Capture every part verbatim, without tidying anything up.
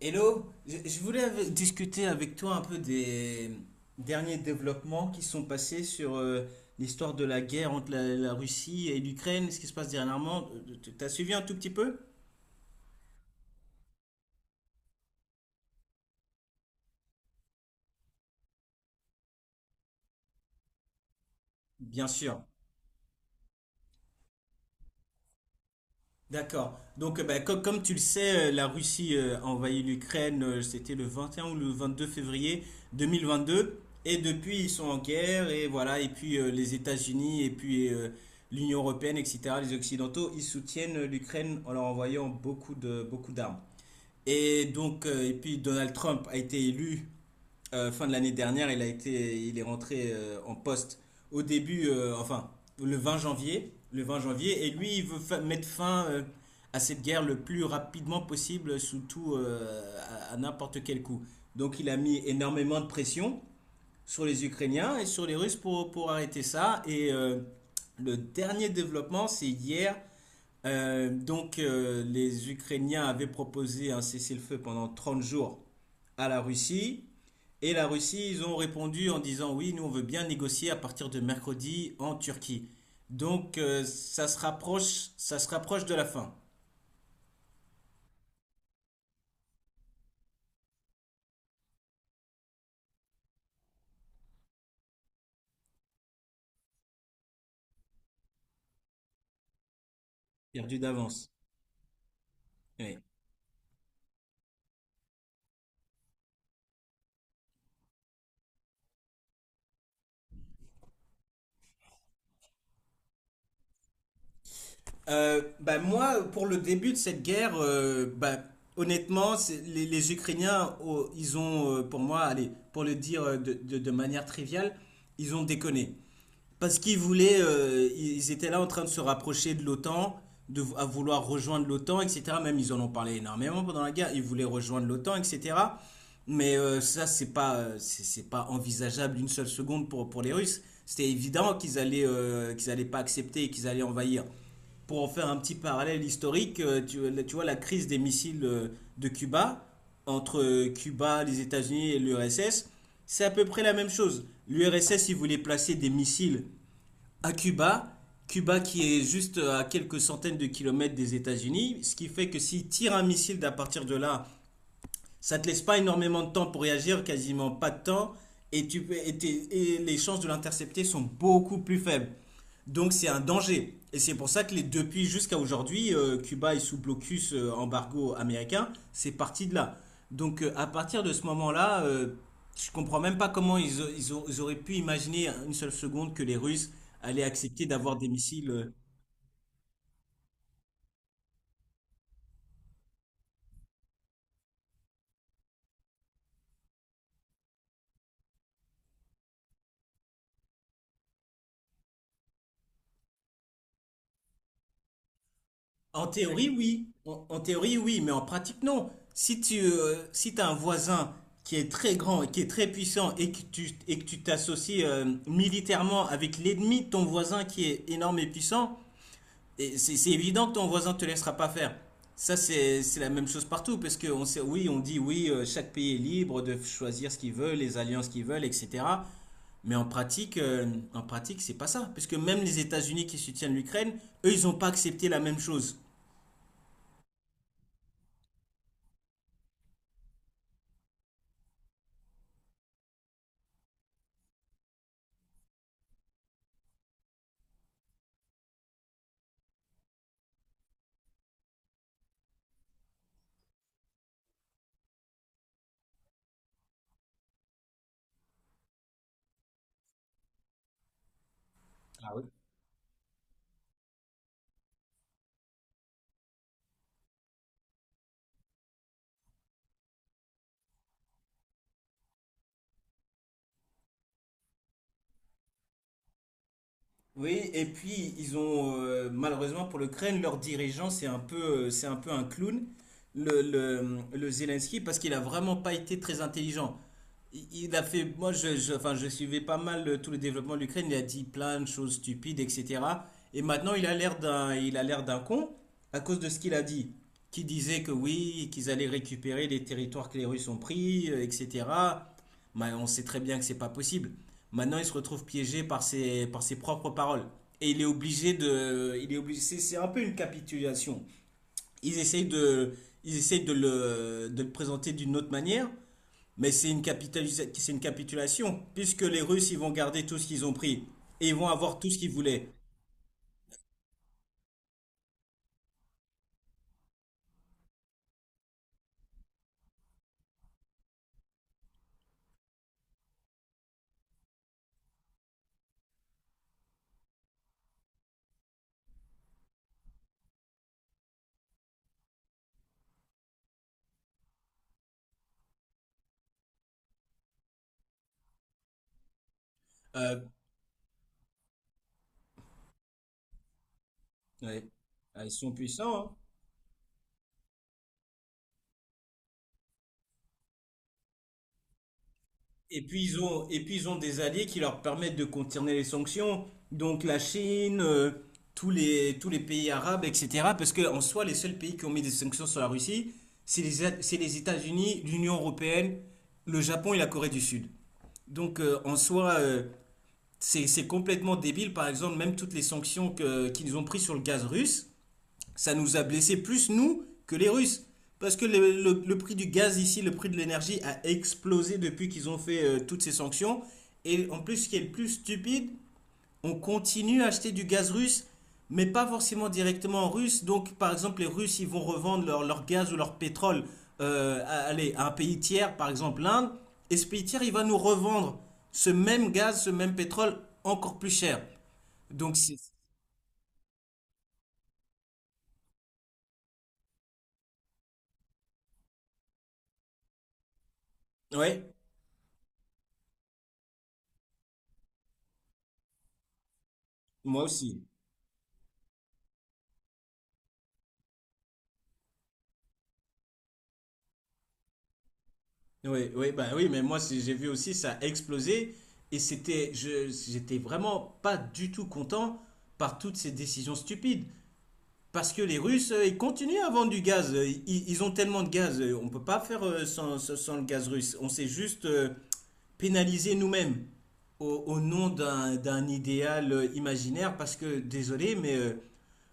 Hello, je, je voulais ave- discuter avec toi un peu des derniers développements qui sont passés sur euh, l'histoire de la guerre entre la, la Russie et l'Ukraine, ce qui se passe dernièrement. Euh, t- T'as suivi un tout petit peu? Bien sûr. D'accord. Donc, euh, bah, co- comme, tu le sais, euh, la Russie euh, a envahi l'Ukraine, euh, c'était le vingt et un ou le vingt deux février deux mille vingt deux. Et depuis, ils sont en guerre. Et voilà. Et puis, euh, les États-Unis et puis euh, l'Union européenne, et cetera, les Occidentaux, ils soutiennent euh, l'Ukraine en leur envoyant beaucoup de, beaucoup d'armes. Et donc, euh, et puis Donald Trump a été élu euh, fin de l'année dernière, il a été, il est rentré euh, en poste au début, euh, enfin le vingt janvier, le vingt janvier, et lui il veut fa- mettre fin euh, à cette guerre le plus rapidement possible, sous tout euh, à, à n'importe quel coup. Donc il a mis énormément de pression sur les Ukrainiens et sur les Russes pour pour arrêter ça. Et euh, le dernier développement, c'est hier euh, donc, euh, les Ukrainiens avaient proposé un cessez-le-feu pendant trente jours à la Russie. Et la Russie, ils ont répondu en disant oui, nous on veut bien négocier à partir de mercredi en Turquie. Donc, euh, ça se rapproche, ça se rapproche de la fin. Perdu d'avance. Oui. Euh, bah, moi, pour le début de cette guerre, euh, bah, honnêtement, c'est- les, les Ukrainiens, oh, ils ont, euh, pour moi, allez, pour le dire euh, de, de- de manière triviale, ils ont déconné. Parce qu'ils voulaient, euh, ils étaient là en train de se rapprocher de l'OTAN, de à vouloir rejoindre l'OTAN, et cetera. Même ils en ont parlé énormément pendant la guerre. Ils voulaient rejoindre l'OTAN, et cetera. Mais euh, ça, c'est pas, euh, c'est c'est pas envisageable une seule seconde pour, pour les Russes. C'était évident qu'ils allaient, euh, qu'ils allaient pas accepter et qu'ils allaient envahir. Pour en faire un petit parallèle historique, euh, tu, euh, tu vois la crise des missiles euh, de Cuba, entre euh, Cuba, les États-Unis et l'U R S S, c'est à peu près la même chose. L'U R S S, il voulait placer des missiles à Cuba, Cuba qui est juste à quelques centaines de kilomètres des États-Unis, ce qui fait que s'il tire un missile d'à partir de là ça ne te laisse pas énormément de temps pour réagir, quasiment pas de temps, et, tu, peux- et et les chances de l'intercepter sont beaucoup plus faibles. Donc c'est un danger. Et c'est pour ça que les, depuis jusqu'à aujourd'hui, euh, Cuba est sous blocus euh, embargo américain. C'est parti de là. Donc euh, à partir de ce moment-là, euh, je ne comprends même pas comment ils, ils, ils auraient pu imaginer une seule seconde que les Russes allaient accepter d'avoir des missiles. euh, En théorie, oui. En, en théorie, oui, mais en pratique, non. Si tu, euh, si t'as un voisin qui est très grand et qui est très puissant et que tu, et que tu t'associes euh, militairement avec l'ennemi de ton voisin qui est énorme et puissant, et c'est, c'est évident que ton voisin te laissera pas faire. Ça, c'est, c'est la même chose partout, parce que on sait, oui, on dit oui, euh, chaque pays est libre de choisir ce qu'il veut, les alliances qu'il veut, et cetera. Mais en pratique, euh, en pratique, c'est pas ça. Parce que même les États-Unis qui soutiennent l'Ukraine, eux, ils n'ont pas accepté la même chose. Oui, et puis ils ont euh, malheureusement pour l'Ukraine, leur dirigeant, c'est un peu, euh, c'est un peu un clown, le, le, le Zelensky, parce qu'il a vraiment pas été très intelligent. Il il a fait, moi je, je- enfin, je suivais pas mal euh, tout le développement de l'Ukraine, il a dit plein de choses stupides, et cetera. Et maintenant il a l'air d'un, il a l'air d'un con à cause de ce qu'il a dit, qui disait que oui, qu'ils allaient récupérer les territoires que les Russes ont pris, euh, et cetera. Mais on sait très bien que c'est pas possible. Maintenant il se retrouve piégé par ses, par ses propres paroles. Et il est obligé de, il est obligé, c'est c'est un peu une capitulation. Ils essayent de, ils essayent de le, de le présenter d'une autre manière. Mais c'est une, c'est une capitulation, puisque les Russes, ils vont garder tout ce qu'ils ont pris, et ils vont avoir tout ce qu'ils voulaient. Euh, ouais. Ah, ils sont puissants, hein. Et puis ils ont, et puis ils ont des alliés qui leur permettent de contourner les sanctions, donc la Chine, euh, tous les, tous les pays arabes, et cetera. Parce que en soi, les seuls pays qui ont mis des sanctions sur la Russie, c'est les, A- c'est les États-Unis, l'Union européenne, le Japon et la Corée du Sud. Donc euh, en soi, euh, C'est c'est complètement débile. Par exemple, même toutes les sanctions que- qu'ils qu ont prises sur le gaz russe, ça nous a blessé plus, nous, que les Russes. Parce que le, le- le prix du gaz ici, le prix de l'énergie a explosé depuis qu'ils ont fait euh, toutes ces sanctions. Et en plus, ce qui est le plus stupide, on continue à acheter du gaz russe, mais pas forcément directement en russe. Donc, par exemple, les Russes, ils vont revendre leur, leur gaz ou leur pétrole euh, à, allez, à un pays tiers, par exemple l'Inde. Et ce pays tiers, il va nous revendre ce même gaz, ce même pétrole encore plus cher. Donc, c'est... Ouais, moi aussi. Oui, oui, bah oui, mais moi, c'est- j'ai vu aussi, ça a explosé. Et c'était, je, j'étais vraiment pas du tout content par toutes ces décisions stupides. Parce que les Russes, euh, ils continuent à vendre du gaz. Euh, Ils, ils ont tellement de gaz. euh, On ne peut pas faire euh, sans, sans- le gaz russe. On s'est juste euh, pénalisé nous-mêmes au, au nom d'un idéal euh, imaginaire. Parce que, désolé, mais euh,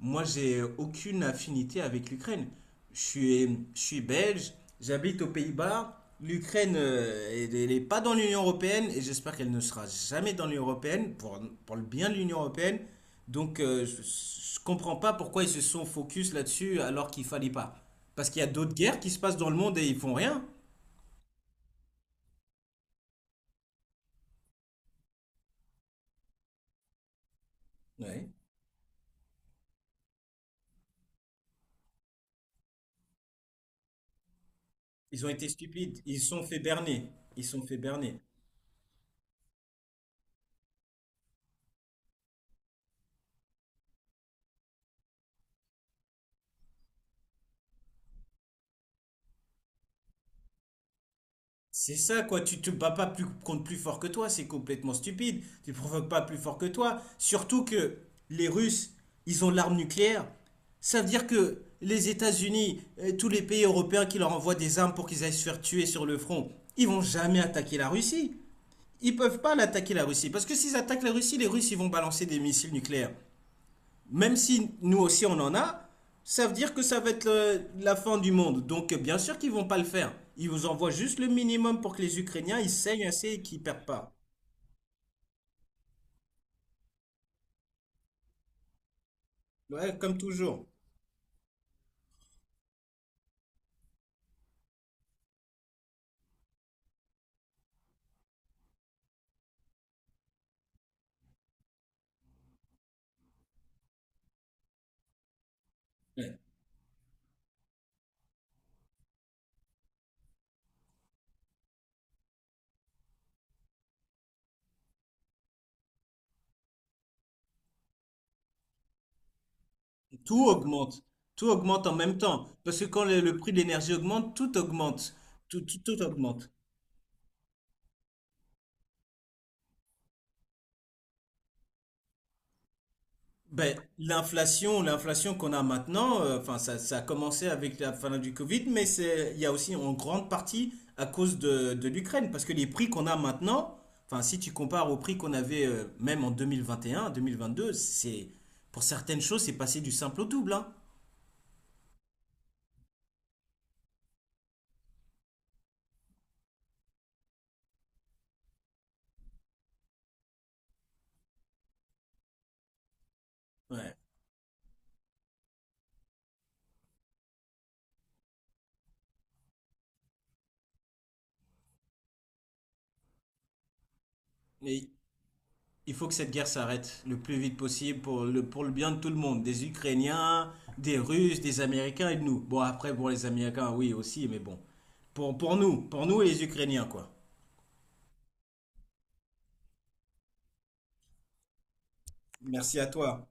moi, j'ai aucune affinité avec l'Ukraine. Je suis, je suis belge, j'habite aux Pays-Bas. L'Ukraine n'est pas dans l'Union européenne et j'espère qu'elle ne sera jamais dans l'Union européenne pour, pour, le bien de l'Union européenne. Donc, euh, je ne comprends pas pourquoi ils se sont focus là-dessus alors qu'il ne fallait pas. Parce qu'il y a d'autres guerres qui se passent dans le monde et ils font rien. Ouais. Ils ont été stupides. Ils se sont fait berner. Ils se sont fait berner. C'est ça, quoi. Tu te bats pas plus contre plus fort que toi. C'est complètement stupide. Tu provoques pas plus fort que toi. Surtout que les Russes, ils ont l'arme nucléaire. Ça veut dire que les États-Unis, euh, tous les pays européens qui leur envoient des armes pour qu'ils aillent se faire tuer sur le front, ils vont jamais attaquer la Russie. Ils peuvent pas l'attaquer la Russie. Parce que s'ils attaquent la Russie, les Russes, ils vont balancer des missiles nucléaires même si nous aussi on en a, ça veut dire que ça va être euh, la fin du monde. Donc euh, bien sûr qu'ils vont pas le faire. Ils vous envoient juste le minimum pour que les Ukrainiens ils saignent assez et qu'ils perdent pas. Ouais, comme toujours. Ouais. Tout augmente. Tout augmente en même temps. Parce que quand le, le prix de l'énergie augmente, tout augmente. Tout, tout, tout augmente. Ben, l'inflation, l'inflation qu'on a maintenant, euh, enfin, ça, ça a commencé avec la fin du Covid, mais c'est, il y a aussi en grande partie à cause de, de l'Ukraine, parce que les prix qu'on a maintenant, enfin, si tu compares aux prix qu'on avait euh, même en deux mille vingt et un, deux mille vingt-deux, c'est, pour certaines choses, c'est passé du simple au double, hein. Ouais. Mais il faut que cette guerre s'arrête le plus vite possible pour le, pour le bien de tout le monde, des Ukrainiens, des Russes, des Américains et de nous. Bon, après, pour les Américains, oui, aussi, mais bon, pour, pour nous, pour nous et les Ukrainiens, quoi. Merci à toi.